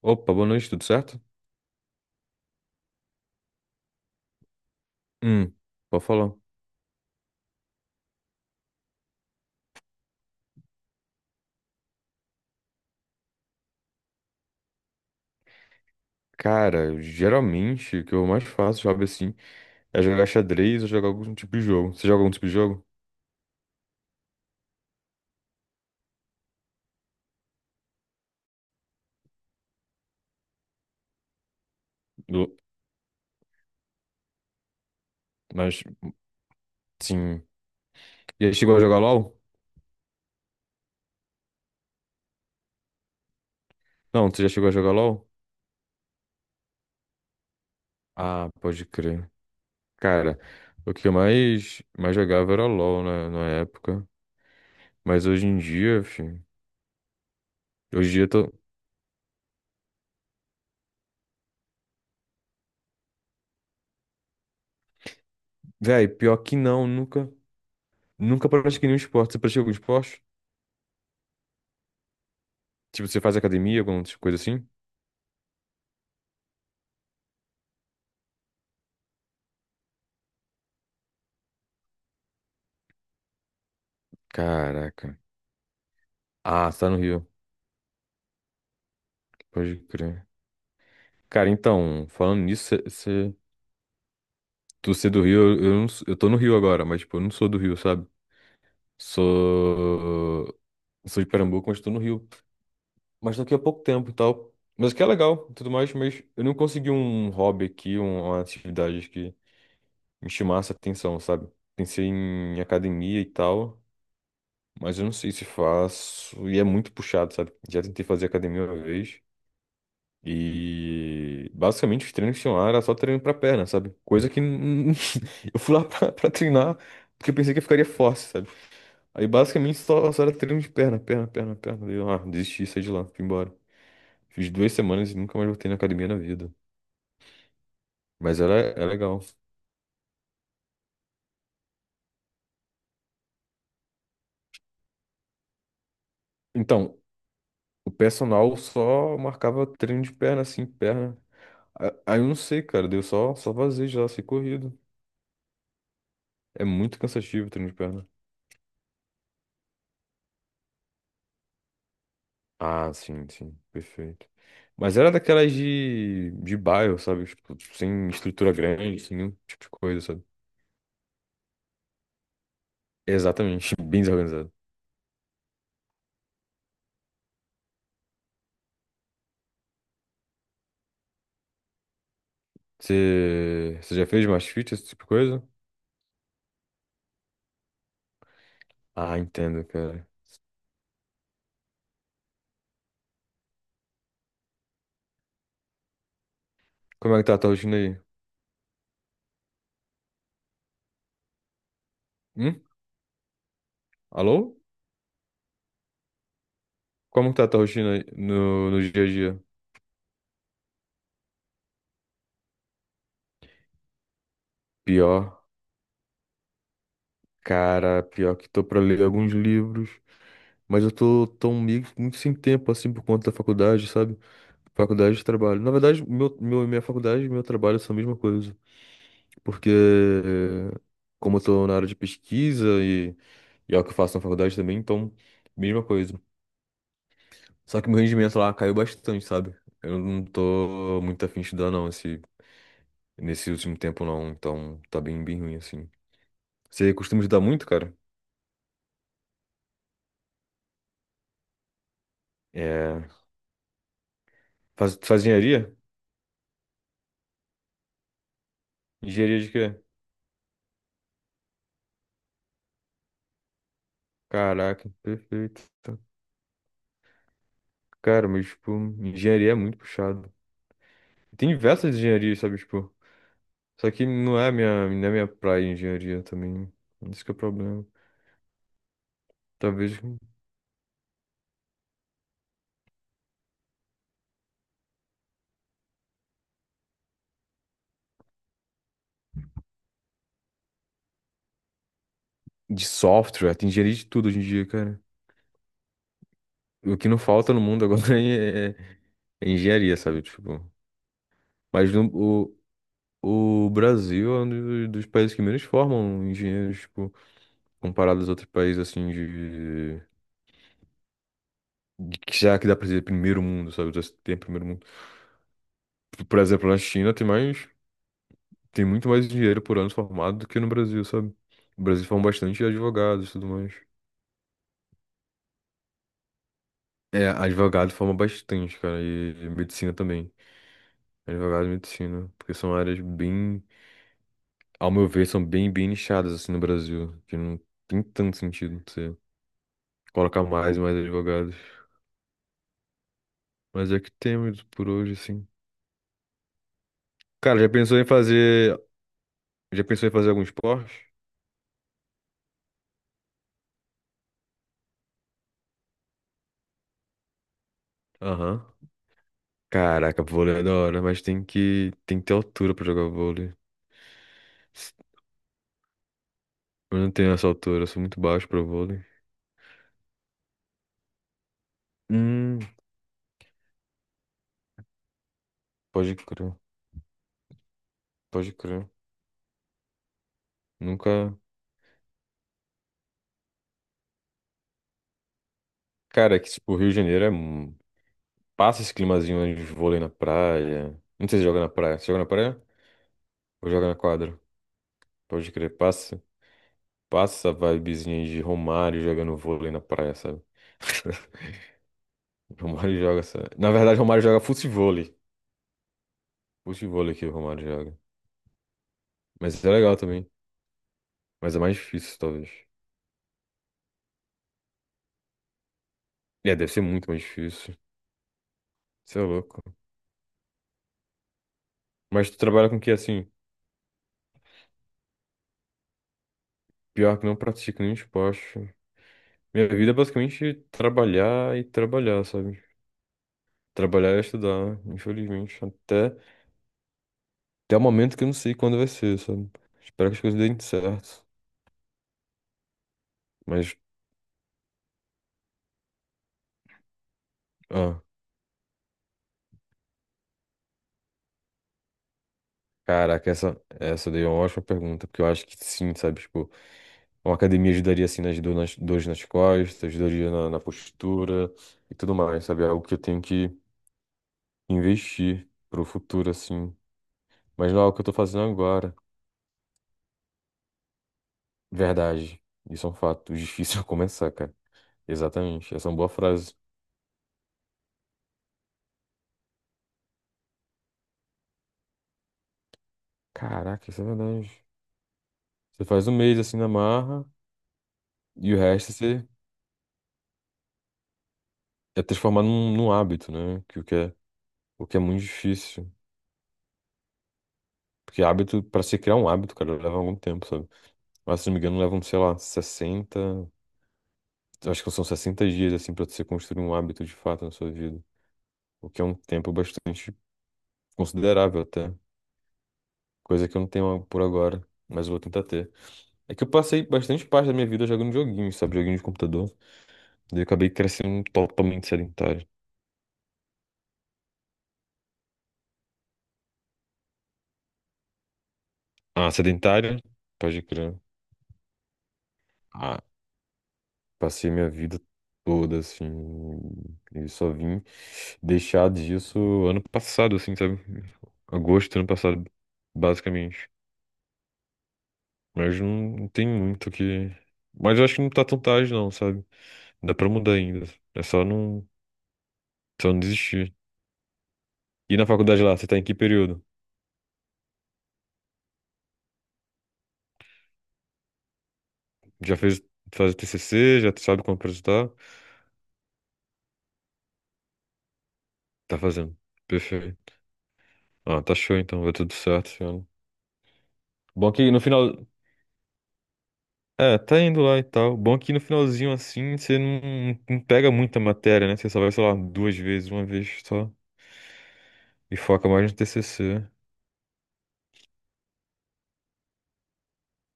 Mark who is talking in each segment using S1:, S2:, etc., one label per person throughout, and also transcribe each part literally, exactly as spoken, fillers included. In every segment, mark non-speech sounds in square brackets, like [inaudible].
S1: Opa, boa noite, tudo certo? Hum, pode falar. Cara, geralmente o que eu mais faço, sabe assim, é jogar xadrez ou jogar algum tipo de jogo. Você joga algum tipo de jogo? Do- Mas, sim. Já chegou a jogar LOL? Não, você já chegou a jogar LOL? Ah, pode crer. Cara, o que eu mais, mais jogava era LOL na, na época. Mas hoje em dia, filho, hoje em dia eu tô. Véi, pior que não, nunca. Nunca pratiquei nenhum esporte. Você pratica algum esporte? Tipo, você faz academia, alguma coisa assim? Caraca. Ah, você tá no Rio. Pode crer. Cara, então, falando nisso, cê, cê- tu ser do Rio, eu, eu, não s- eu tô no Rio agora, mas, tipo, eu não sou do Rio, sabe? Sou. Sou de Pernambuco, mas tô no Rio. Mas daqui a pouco tempo e tal. Mas que é legal e tudo mais, mas eu não consegui um hobby aqui, um- uma atividade que me chamasse a atenção, sabe? Pensei em academia e tal, mas eu não sei se faço. E é muito puxado, sabe? Já tentei fazer academia uma vez. E basicamente os treinos que tinham lá era só treino pra perna, sabe? Coisa que n- [laughs] eu fui lá [laughs] pra, pra treinar porque eu pensei que eu ficaria forte, sabe? Aí basicamente só, só era treino de perna, perna, perna, perna. Daí eu, ah, desisti, saí de lá, fui embora. Fiz duas semanas e nunca mais voltei na academia na vida. Mas era, é legal. Então, o personal só marcava treino de perna, assim, perna. A- Aí eu não sei, cara, deu só, só vazio já, sei corrido. É muito cansativo o treino de perna. Ah, sim, sim, perfeito. Mas era daquelas de, de bairro, sabe? Tipo, sem estrutura grande, sem nenhum tipo de coisa, sabe? Exatamente, [laughs] bem desorganizado. Você você já fez mais fit, esse tipo de coisa? Ah, entendo, cara. Como é que tá a tua rotina aí? Hum? Alô? Como que tá a tua rotina aí no, no dia a dia? Pior, cara, pior que tô pra ler alguns livros, mas eu tô tão meio que muito sem tempo, assim, por conta da faculdade, sabe? Faculdade e trabalho. Na verdade, meu, meu, minha faculdade e meu trabalho são a mesma coisa. Porque, eh, como eu tô na área de pesquisa e, e é o que eu faço na faculdade também, então, mesma coisa. Só que meu rendimento lá caiu bastante, sabe? Eu não tô muito afim de estudar, não, esse, nesse último tempo, não. Então, tá bem, bem ruim, assim. Você costuma estudar muito, cara? É. Faz, faz engenharia? Engenharia de quê? Caraca, perfeito. Cara, mas, tipo, engenharia é muito puxado. Tem diversas engenharias, sabe? Tipo. Só que não é a minha, não é minha praia engenharia também. isso que é o problema. Talvez de software, tem engenharia de tudo hoje em dia, cara. O que não falta no mundo agora [laughs] é, é- é engenharia, sabe? Tipo, mas no- o, o Brasil é um dos, dos países que menos formam engenheiros, tipo, comparado aos outros países, assim, de, de que já que dá pra dizer primeiro mundo, sabe? Já se Tem primeiro mundo. Por exemplo, na China tem mais, tem muito mais engenheiro por ano formado do que no Brasil, sabe? O Brasil forma bastante advogados e tudo mais. É, advogado forma bastante, cara, e, e medicina também. Advogado e medicina, porque são áreas bem, ao meu ver, são bem, bem nichadas assim no Brasil, que não tem tanto sentido você colocar mais e mais advogados. Mas é que temos por hoje, assim. Cara, já pensou em fazer, já pensou em fazer algum esporte? Aham. Caraca, vôlei é da hora, mas tem que, tem que ter altura pra jogar vôlei. S- Eu não tenho essa altura, eu sou muito baixo pra vôlei. Hum, pode crer, pode crer. Nunca. Cara, é que tipo, o Rio de Janeiro é... um- passa esse climazinho de vôlei na praia. Não sei se joga na praia. Você joga na praia? Ou joga na quadra? Pode crer, passa. Passa a vibezinha aí de Romário jogando vôlei na praia, sabe? [laughs] Romário joga essa. Na verdade, Romário joga futevôlei. Futevôlei que o Romário joga. Mas é legal também. Mas é mais difícil, talvez. É, deve ser muito mais difícil. Você é louco. Mas tu trabalha com o que assim? Pior que não pratico nenhum esporte. Minha vida é basicamente trabalhar e trabalhar, sabe? Trabalhar e estudar, infelizmente. Até, até o momento que eu não sei quando vai ser, sabe? Espero que as coisas deem certo. Mas, ah, caraca, essa, essa daí é uma ótima pergunta, porque eu acho que sim, sabe? Tipo, uma academia ajudaria assim nas dor- nas dores nas costas, ajudaria na, na postura e tudo mais, sabe? É algo que eu tenho que investir pro futuro, assim. Mas não é algo que eu tô fazendo agora. Verdade. Isso é um fato. Difícil [laughs] é começar, cara. Exatamente. Essa é uma boa frase. Caraca, isso é verdade. Você faz um mês assim na marra. E o resto você é transformar num, num hábito, né? Que, o que é, o que é muito difícil. Porque hábito, pra você criar um hábito, cara, leva algum tempo, sabe? Mas se não me engano, levam, sei lá, sessenta, eu Acho que são sessenta dias, assim, pra você construir um hábito de fato na sua vida. O que é um tempo bastante considerável até. Coisa que eu não tenho por agora, mas eu vou tentar ter. É que eu passei bastante parte da minha vida jogando joguinhos, sabe? Joguinhos de computador. Daí eu acabei crescendo totalmente sedentário. Ah, sedentário? Pode crer. Ah, passei minha vida toda, assim, e só vim deixar disso ano passado, assim, sabe? Agosto do ano passado, basicamente. Mas não tem muito o que. Mas eu acho que não tá tão tarde, não, sabe? Dá pra mudar ainda. É só não, só não desistir. E na faculdade lá, você tá em que período? Já fez, faz o T C C? Já sabe como apresentar? Tá fazendo. Perfeito. Ah, tá show então, vai tudo certo, esse ano. Bom que no final, É, tá indo lá e tal. Bom que no finalzinho assim você não, não pega muita matéria, né? Você só vai, sei lá, duas vezes, uma vez só. E foca mais no T C C.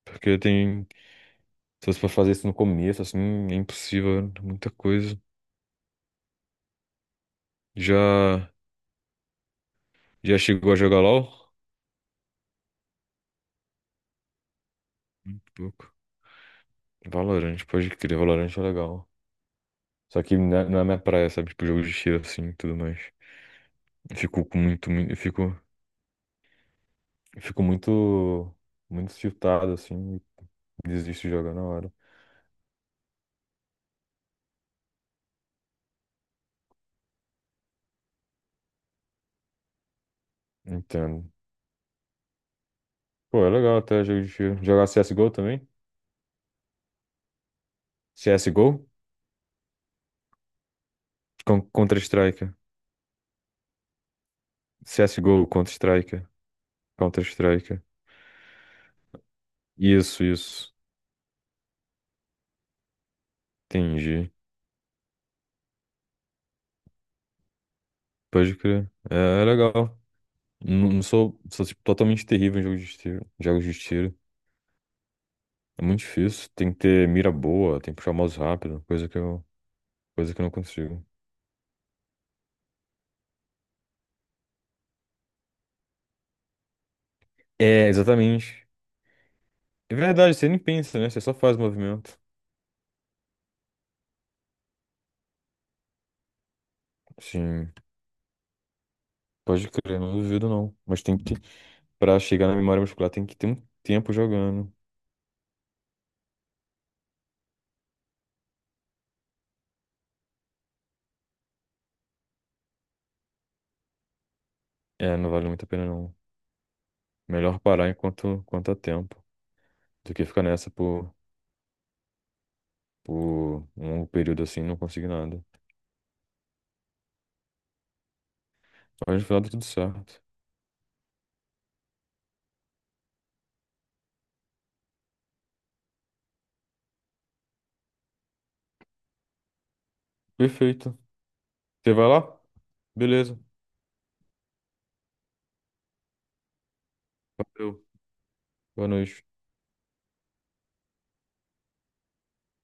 S1: Porque tem. Se você for fazer isso no começo, assim, é impossível, né? muita coisa. Já. Já chegou a jogar LOL? Muito pouco. Valorant, pode crer, Valorant é legal. Só que não é não é minha praia, sabe? Tipo, jogo de tiro assim e tudo mais. Eu fico com muito. muito, Eu fico, eu fico muito. Muito tiltado assim. e Desisto de jogar na hora. Entendo. Pô, é legal até jogo de tiro. Jogar C S G O também? C S G O? Con- Counter-Strike. C S G O, Counter-Strike. Counter-Strike. Isso, isso. Entendi. Pode crer. É, é legal. Não, não sou, sou tipo, totalmente terrível em jogos de tiro. Jogos de tiro. É muito difícil. Tem que ter mira boa, tem que puxar o mouse rápido, coisa que eu, coisa que eu não consigo. É, exatamente. É verdade, você nem pensa, né? Você só faz o movimento. Sim, pode crer, não duvido não. Mas tem que Pra chegar na memória muscular tem que ter um tempo jogando. É, não vale muito a pena não. Melhor parar enquanto, enquanto há tempo do que ficar nessa por, por um longo período assim e não conseguir nada. Mas no final dá tudo certo. Perfeito. Você vai lá? Beleza. Valeu. Boa noite.